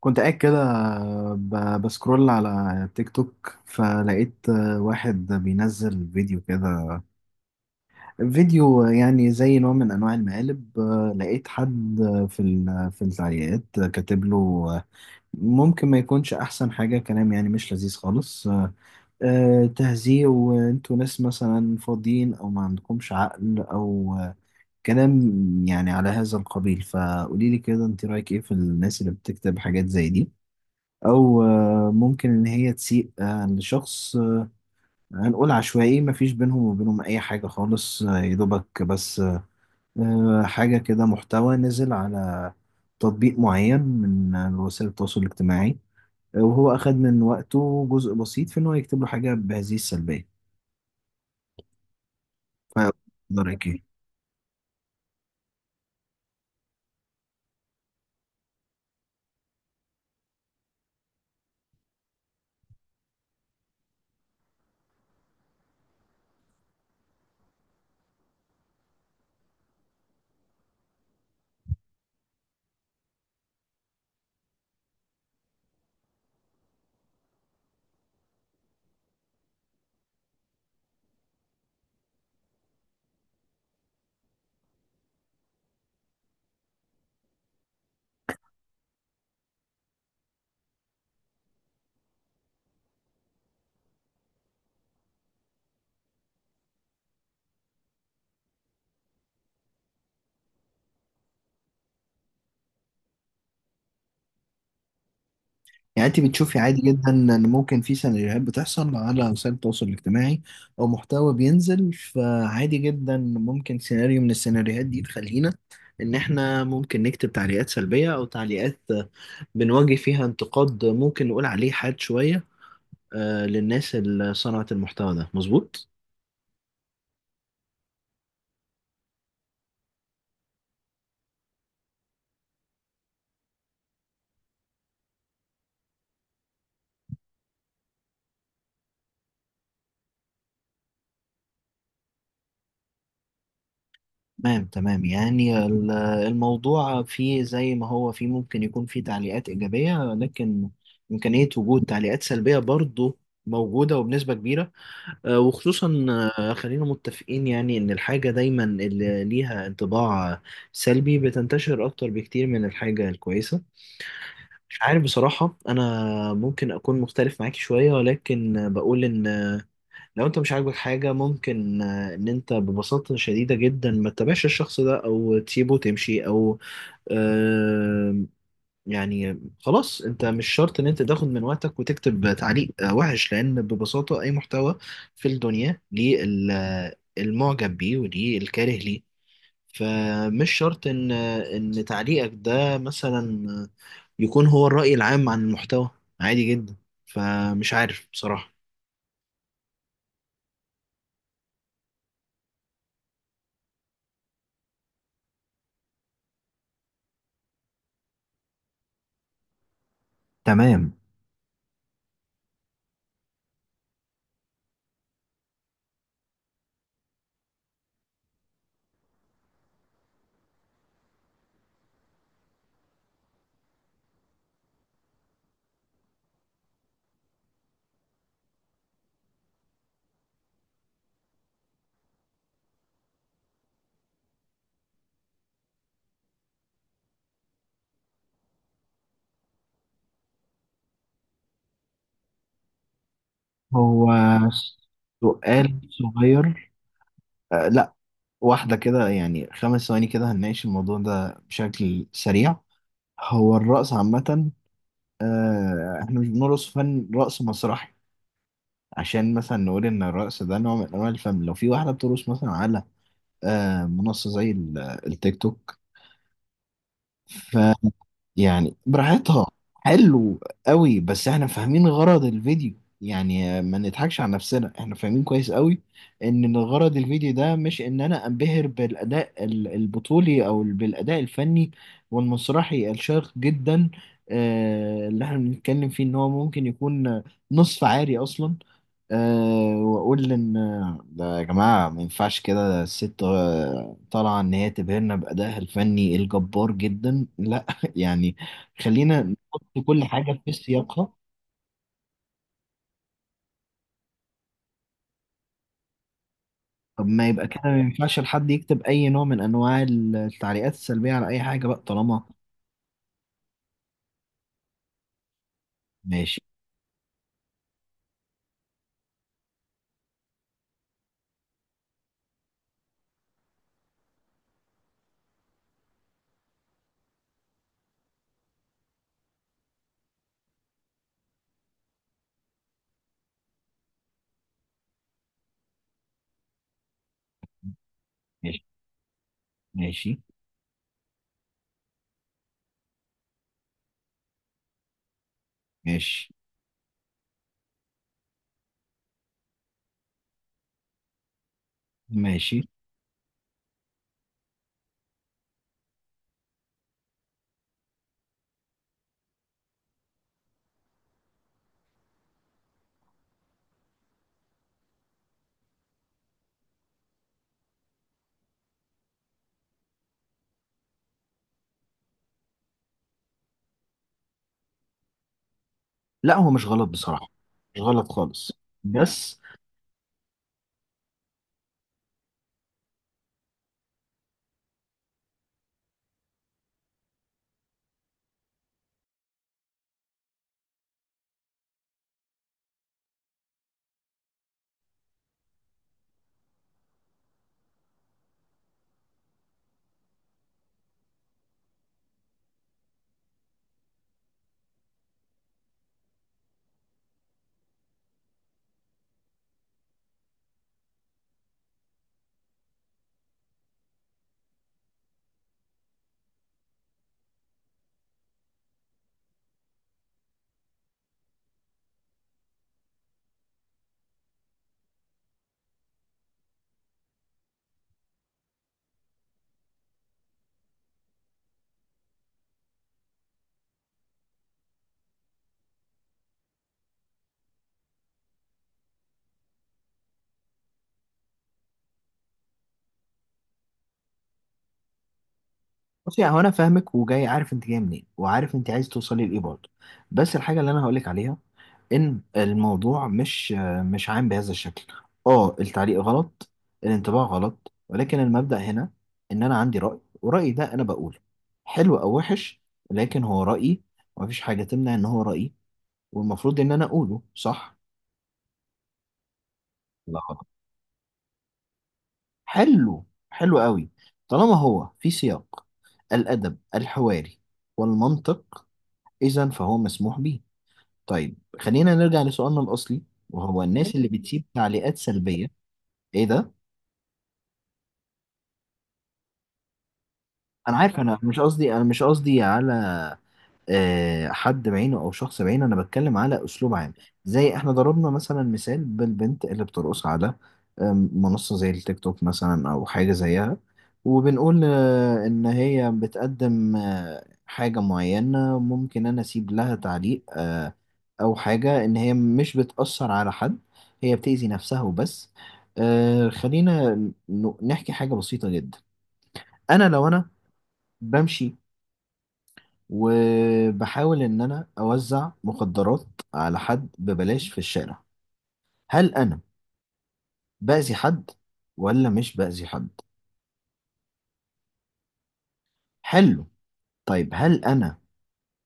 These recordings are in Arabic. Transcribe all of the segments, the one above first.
كنت قاعد كده بسكرول على تيك توك فلقيت واحد بينزل فيديو كده. فيديو يعني زي نوع من انواع المقالب. لقيت حد في في التعليقات كاتب له ممكن ما يكونش احسن حاجة. كلام يعني مش لذيذ خالص. تهزيء وانتوا ناس مثلا فاضيين او ما عندكمش عقل او كلام يعني على هذا القبيل. فقولي لي كده، انت رايك ايه في الناس اللي بتكتب حاجات زي دي او ممكن ان هي تسيء لشخص، هنقول عشوائي، مفيش بينهم وبينهم اي حاجة خالص. يدوبك بس حاجة كده، محتوى نزل على تطبيق معين من وسائل التواصل الاجتماعي. وهو اخد من وقته جزء بسيط في ان هو يكتب له حاجة بهذه السلبية. ف- رأيك إيه؟ يعني انت بتشوفي عادي جدا ان ممكن في سيناريوهات بتحصل على وسائل التواصل الاجتماعي او محتوى بينزل، فعادي جدا ممكن سيناريو من السيناريوهات دي تخلينا ان احنا ممكن نكتب تعليقات سلبية او تعليقات بنواجه فيها انتقاد، ممكن نقول عليه حاد شوية للناس اللي صنعت المحتوى ده، مظبوط؟ تمام، تمام. يعني الموضوع فيه، زي ما هو فيه ممكن يكون فيه تعليقات إيجابية، لكن إمكانية وجود تعليقات سلبية برضه موجودة وبنسبة كبيرة. وخصوصا خلينا متفقين يعني ان الحاجة دايما اللي ليها انطباع سلبي بتنتشر اكتر بكتير من الحاجة الكويسة. مش عارف بصراحة. انا ممكن اكون مختلف معاك شوية، ولكن بقول ان لو انت مش عاجبك حاجة، ممكن ان انت ببساطة شديدة جدا ما تتابعش الشخص ده او تسيبه تمشي، او يعني خلاص انت مش شرط ان انت تاخد من وقتك وتكتب تعليق وحش، لان ببساطة اي محتوى في الدنيا ليه المعجب بيه وليه الكاره ليه. فمش شرط ان ان تعليقك ده مثلا يكون هو الرأي العام عن المحتوى. عادي جدا. فمش عارف بصراحة. تمام. هو سؤال صغير. لا، واحدة كده، يعني 5 ثواني كده هنناقش الموضوع ده بشكل سريع. هو الرقص عامة، احنا مش بنرقص فن رقص مسرحي عشان مثلا نقول ان الرقص ده نوع من انواع الفن. لو في واحده بترقص مثلا على منصه زي التيك توك، يعني براحتها. حلو قوي، بس احنا فاهمين غرض الفيديو. يعني ما نضحكش على نفسنا، احنا فاهمين كويس قوي ان غرض الفيديو ده مش ان انا انبهر بالاداء البطولي او بالاداء الفني والمسرحي الشاق جدا. اللي احنا بنتكلم فيه ان هو ممكن يكون نصف عاري اصلا. أه، واقول ان ده يا جماعه ما ينفعش كده، ده الست طالعه ان هي تبهرنا بادائها الفني الجبار جدا؟ لا يعني خلينا نحط كل حاجه في سياقها. طب ما يبقى كده ما ينفعش لحد يكتب اي نوع من انواع التعليقات السلبيه على اي حاجه بقى، طالما ماشي، ماشي، ماشي، ماشي، ماشي. لا هو مش غلط بصراحه، مش غلط خالص. بس بصي، يعني انا فاهمك، وجاي عارف انت جايه منين، وعارف انت عايز توصلي لايه برضه. بس الحاجه اللي انا هقولك عليها ان الموضوع مش عام بهذا الشكل. اه، التعليق غلط، الانطباع غلط، ولكن المبدأ هنا ان انا عندي رأي، ورأيي ده انا بقوله، حلو او وحش، لكن هو رأيي، ومفيش حاجة تمنع ان هو رأيي، والمفروض ان انا اقوله. صح لا غلط. حلو، حلو قوي. طالما هو في سياق الأدب الحواري والمنطق، اذا فهو مسموح بيه. طيب خلينا نرجع لسؤالنا الأصلي، وهو الناس، ماشي، اللي بتسيب تعليقات سلبية. إيه ده؟ أنا عارف، أنا مش قصدي، أنا مش قصدي على حد بعينه او شخص بعينه، انا بتكلم على اسلوب عام. زي احنا ضربنا مثلا مثال بالبنت اللي بترقص على منصة زي التيك توك مثلا او حاجة زيها. وبنقول ان هي بتقدم حاجة معينة، ممكن انا اسيب لها تعليق او حاجة، ان هي مش بتأثر على حد، هي بتأذي نفسها وبس. خلينا نحكي حاجة بسيطة جدا. انا، لو انا بمشي وبحاول إن أنا أوزع مخدرات على حد ببلاش في الشارع، هل أنا بأذي حد ولا مش بأذي حد؟ حلو. طيب هل أنا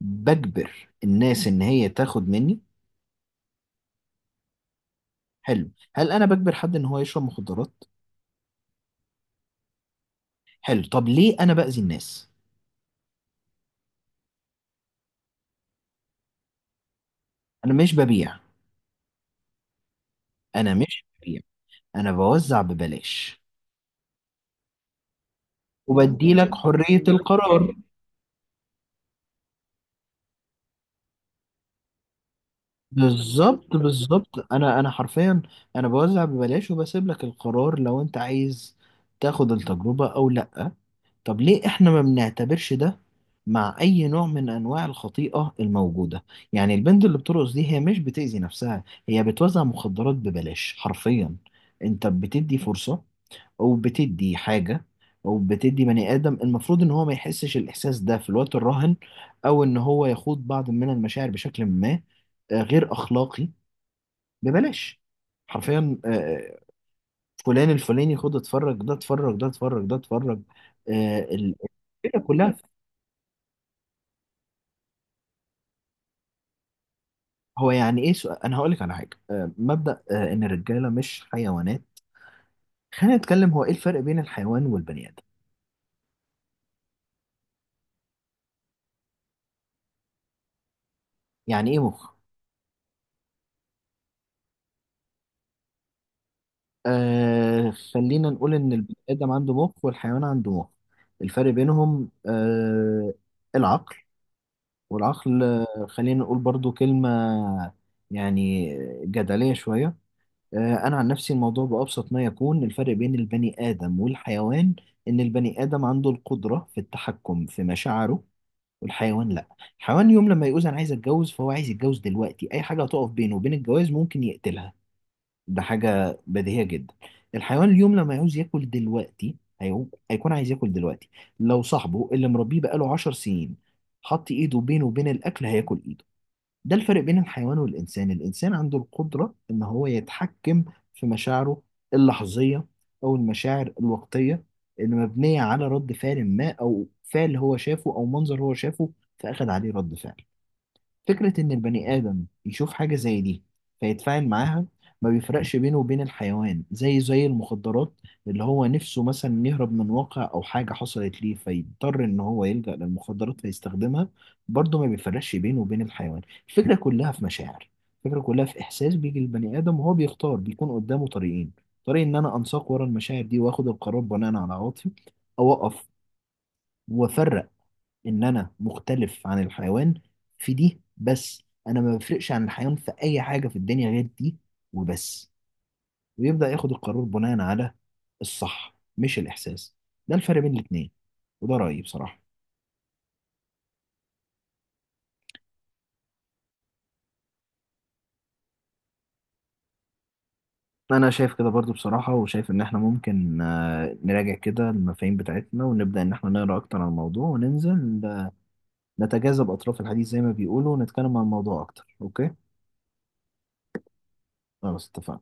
بجبر الناس إن هي تاخد مني؟ حلو. هل أنا بجبر حد إن هو يشرب مخدرات؟ حلو. طب ليه أنا بأذي الناس؟ أنا مش ببيع، أنا مش ببيع، أنا بوزع ببلاش وبدي لك حرية القرار. بالظبط، بالظبط. انا حرفيا، انا بوزع ببلاش وبسيب لك القرار لو انت عايز تاخد التجربة او لا. طب ليه احنا ما بنعتبرش ده مع اي نوع من انواع الخطيئة الموجودة؟ يعني البنت اللي بترقص دي هي مش بتأذي نفسها، هي بتوزع مخدرات ببلاش حرفيا. انت بتدي فرصة، او بتدي حاجه، او بتدي بني ادم المفروض ان هو ما يحسش الاحساس ده في الوقت الراهن، او ان هو يخوض بعض من المشاعر بشكل ما غير اخلاقي، ببلاش، حرفيا. فلان الفلاني، خد اتفرج ده، اتفرج ده، اتفرج ده، اتفرج. آه، ال- الفكره كلها، هو يعني ايه؟ سؤال، انا هقول لك على حاجه، مبدا ان الرجاله مش حيوانات. خلينا نتكلم، هو ايه الفرق بين الحيوان والبني ادم؟ يعني ايه مخ؟ آه، خلينا نقول إن البني آدم عنده مخ والحيوان عنده مخ. الفرق بينهم، آه، العقل. والعقل خلينا نقول برضو كلمة، يعني، جدلية شوية. آه، أنا عن نفسي الموضوع بأبسط ما يكون، الفرق بين البني آدم والحيوان إن البني آدم عنده القدرة في التحكم في مشاعره، والحيوان لا. الحيوان يوم لما يقول أنا عايز أتجوز، فهو عايز يتجوز دلوقتي، أي حاجة هتقف بينه وبين الجواز ممكن يقتلها. ده حاجة بديهية جدا. الحيوان اليوم لما يعوز ياكل دلوقتي، هيكون عايز ياكل دلوقتي. لو صاحبه اللي مربيه بقاله 10 سنين حط ايده بينه وبين الاكل، هياكل ايده. ده الفرق بين الحيوان والانسان، الانسان عنده القدرة ان هو يتحكم في مشاعره اللحظية، او المشاعر الوقتية اللي مبنية على رد فعل ما، او فعل هو شافه، او منظر هو شافه، فاخد عليه رد فعل. فكرة إن البني آدم يشوف حاجة زي دي فيتفاعل معاها، ما بيفرقش بينه وبين الحيوان، زي المخدرات، اللي هو نفسه مثلا يهرب من واقع أو حاجة حصلت ليه فيضطر إن هو يلجأ للمخدرات فيستخدمها، برضه ما بيفرقش بينه وبين الحيوان. الفكرة كلها في مشاعر، الفكرة كلها في إحساس بيجي للبني آدم، وهو بيختار، بيكون قدامه طريقين. طريق إن أنا أنساق ورا المشاعر دي وآخد القرار بناء على عواطفي، أو أقف وأفرق ان انا مختلف عن الحيوان في دي، بس انا ما بفرقش عن الحيوان في اي حاجه في الدنيا غير دي وبس، ويبدا ياخد القرار بناء على الصح مش الاحساس. ده الفرق بين الاتنين، وده رايي بصراحه. انا شايف كده برضو بصراحه، وشايف ان احنا ممكن نراجع كده المفاهيم بتاعتنا ونبدا ان احنا نقرا اكتر عن الموضوع وننزل نتجاذب اطراف الحديث زي ما بيقولوا، ونتكلم عن الموضوع اكتر. اوكي؟ خلاص، اتفقنا.